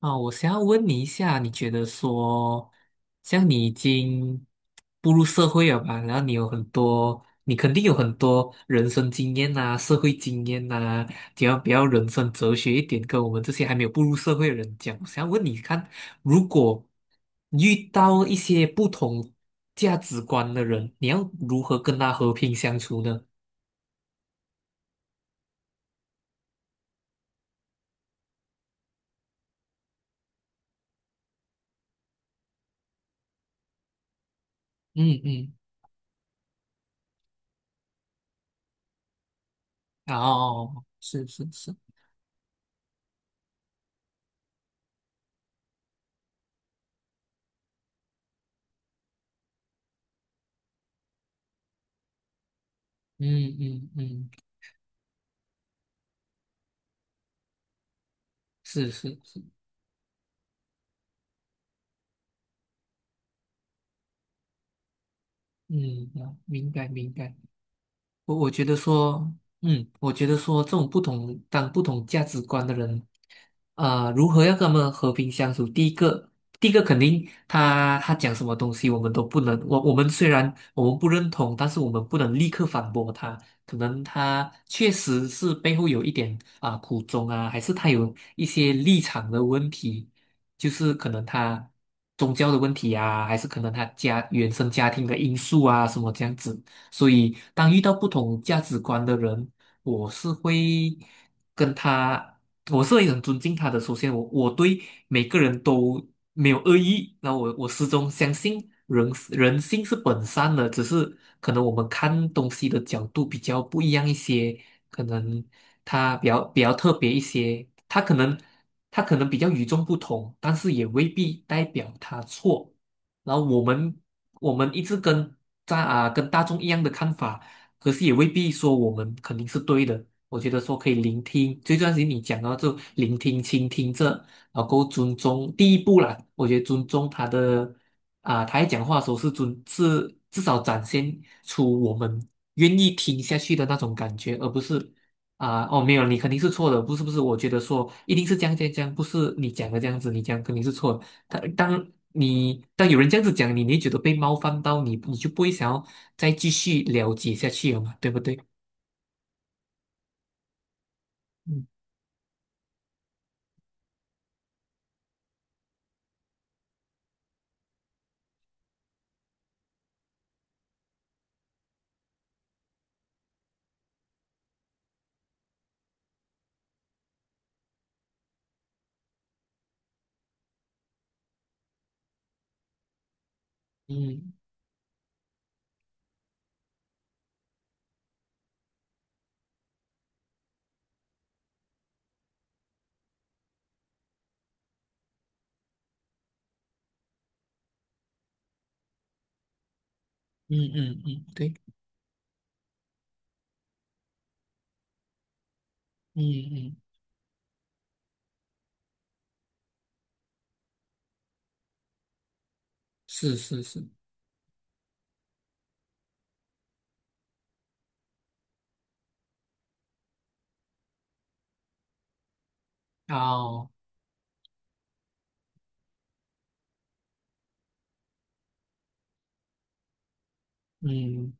啊，我想要问你一下，你觉得说，像你已经步入社会了吧，然后你有很多，你肯定有很多人生经验呐、社会经验呐、比较人生哲学一点，跟我们这些还没有步入社会的人讲。我想要问你看，如果遇到一些不同价值观的人，你要如何跟他和平相处呢？嗯嗯，哦，是是是，嗯嗯嗯，是是是。嗯，啊，明白明白。我觉得说，嗯，我觉得说这种不同价值观的人，啊，如何要跟他们和平相处？第一个肯定他讲什么东西，我们都不能，我们虽然我们不认同，但是我们不能立刻反驳他。可能他确实是背后有一点啊、苦衷啊，还是他有一些立场的问题，就是可能他宗教的问题啊，还是可能他家原生家庭的因素啊，什么这样子。所以当遇到不同价值观的人，我是会跟他，我是会很尊敬他的。首先我对每个人都没有恶意，那我始终相信人性是本善的，只是可能我们看东西的角度比较不一样一些，可能他比较特别一些，他可能比较与众不同，但是也未必代表他错。然后我们一直跟在啊跟大众一样的看法，可是也未必说我们肯定是对的。我觉得说可以聆听，最重要是你讲到就聆听、倾听这，然后够尊重第一步啦。我觉得尊重他的啊，他在讲话的时候是至少展现出我们愿意听下去的那种感觉，而不是啊哦没有你肯定是错的，不是不是，我觉得说一定是这样这样这样，不是你讲的这样子，你讲肯定是错的。当有人这样子讲你，你会觉得被冒犯到你，你就不会想要再继续了解下去了嘛，对不对？嗯嗯嗯嗯嗯，对，嗯嗯，是是是，哦，嗯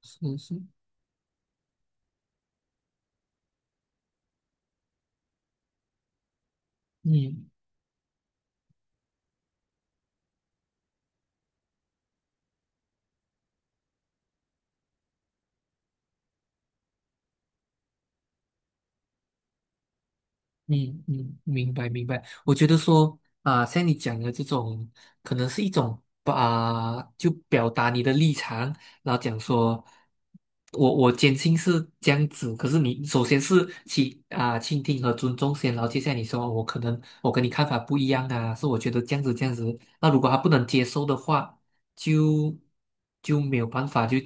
是是，嗯嗯嗯，明白明白。我觉得说啊、像你讲的这种，可能是一种啊、就表达你的立场，然后讲说，我坚信是这样子。可是你首先是倾听和尊重先，然后接下来你说哦我可能我跟你看法不一样啊，是我觉得这样子这样子。那如果他不能接受的话，就就没有办法，就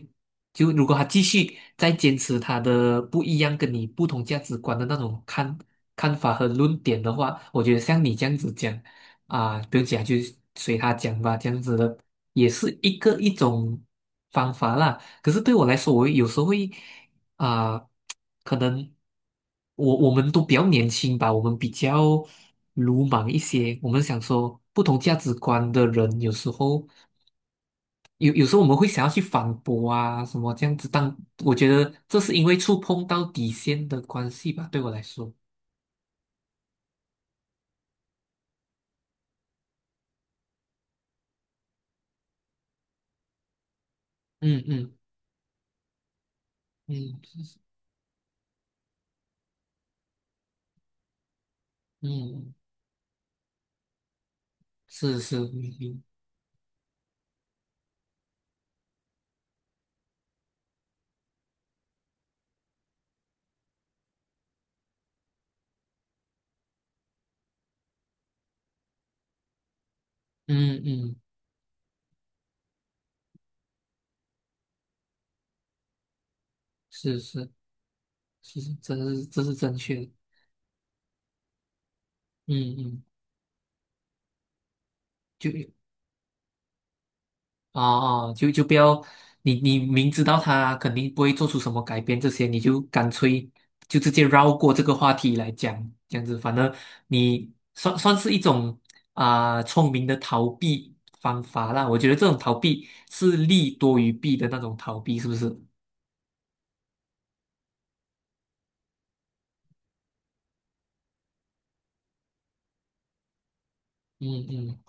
就如果他继续再坚持他的不一样跟你不同价值观的那种看法和论点的话，我觉得像你这样子讲啊，不用讲，就随他讲吧，这样子的也是一种方法啦。可是对我来说，我有时候会啊、可能我们都比较年轻吧，我们比较鲁莽一些，我们想说不同价值观的人有时候。有时候我们会想要去反驳啊，什么这样子但我觉得这是因为触碰到底线的关系吧，对我来说，嗯嗯嗯嗯，是是，嗯嗯，嗯是是是，这是正确的，嗯嗯，就哦哦，就不要你明知道他肯定不会做出什么改变，这些你就干脆就直接绕过这个话题来讲，这样子，反正你算算是一种啊、聪明的逃避方法啦。我觉得这种逃避是利多于弊的那种逃避，是不是？嗯嗯。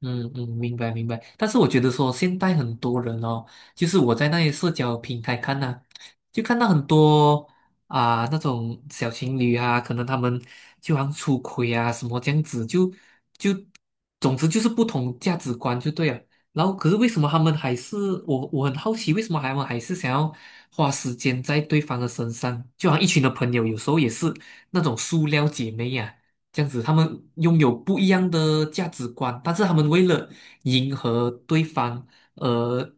嗯嗯，明白明白。但是我觉得说，现在很多人哦，就是我在那些社交平台看呐、就看到很多啊、那种小情侣啊，可能他们就好像出轨啊什么这样子，就总之就是不同价值观就对了。然后可是为什么他们还是我很好奇，为什么他们还是想要花时间在对方的身上？就好像一群的朋友，有时候也是那种塑料姐妹呀。这样子，他们拥有不一样的价值观，但是他们为了迎合对方，呃，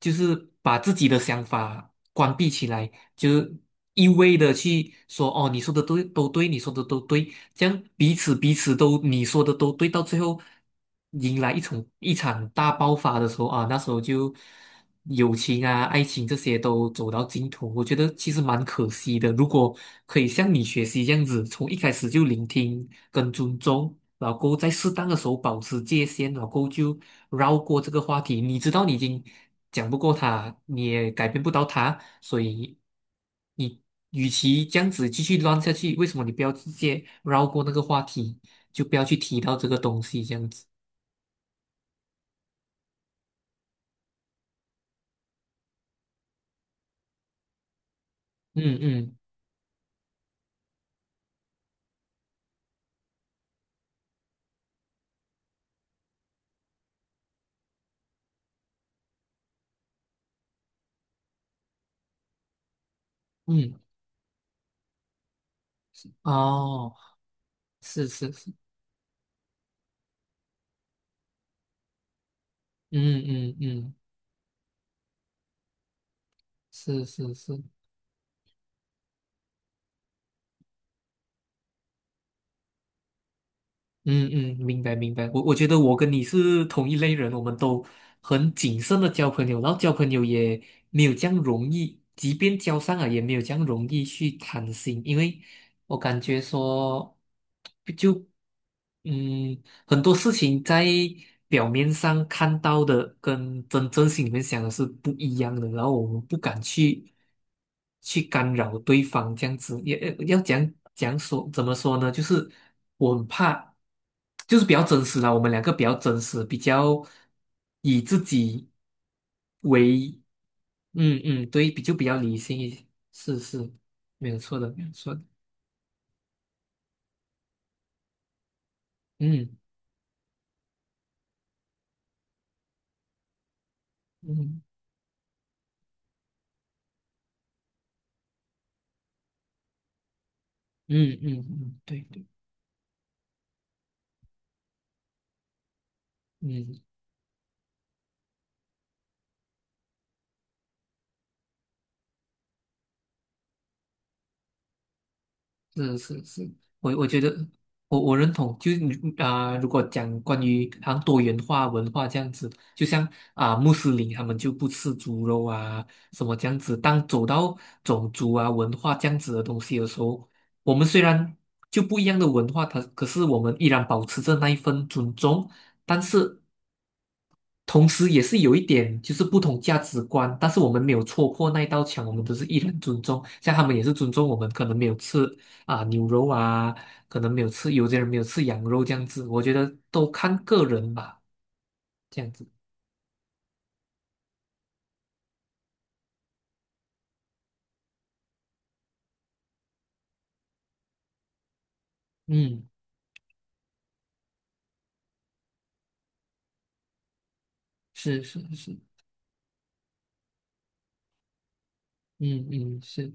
就是把自己的想法关闭起来，就是一味的去说哦，你说的都对，你说的都对，这样彼此彼此都你说的都对，到最后迎来一场一场大爆发的时候啊，那时候就。友情啊、爱情这些都走到尽头，我觉得其实蛮可惜的。如果可以像你学习这样子，从一开始就聆听跟尊重，老公，在适当的时候保持界限，老公就绕过这个话题。你知道你已经讲不过他，你也改变不到他，所以你与其这样子继续乱下去，为什么你不要直接绕过那个话题，就不要去提到这个东西这样子？嗯嗯嗯，哦，是是是。嗯嗯嗯，是是是，嗯嗯，明白明白。我觉得我跟你是同一类人，我们都很谨慎的交朋友，然后交朋友也没有这样容易，即便交上了也没有这样容易去谈心，因为我感觉说就。嗯，很多事情在表面上看到的，跟真正心里面想的是不一样的，然后我们不敢去干扰对方，这样子也要讲讲说怎么说呢？就是我很怕，就是比较真实啦，我们两个比较真实，比较以自己为，嗯嗯，对，比较理性一些，是是，没有错的，没有错的，嗯嗯嗯嗯嗯，对对，嗯。是是是，我觉得我认同，就是你啊、如果讲关于好像多元化文化这样子，就像啊、穆斯林他们就不吃猪肉啊，什么这样子。当走到种族啊文化这样子的东西的时候，我们虽然就不一样的文化，它可是我们依然保持着那一份尊重，但是同时也是有一点就是不同价值观，但是我们没有戳破那一道墙，我们都是依然尊重，像他们也是尊重我们，可能没有吃啊、牛肉啊，可能没有吃，有些人没有吃羊肉这样子，我觉得都看个人吧，这样子，嗯，是是是，嗯嗯是。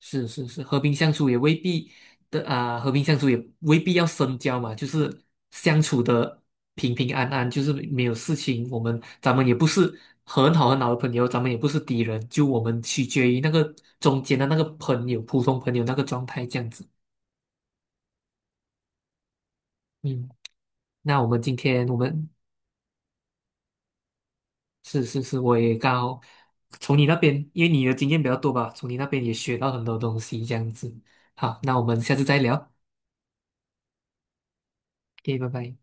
是是是，和平相处也未必要深交嘛，就是相处的平平安安，就是没有事情。咱们也不是很好很好的朋友，咱们也不是敌人，就我们取决于那个中间的那个朋友，普通朋友那个状态这样子。嗯，那我们今天我们是是是，我也刚好从你那边，因为你的经验比较多吧，从你那边也学到很多东西这样子。好，那我们下次再聊，OK，拜拜。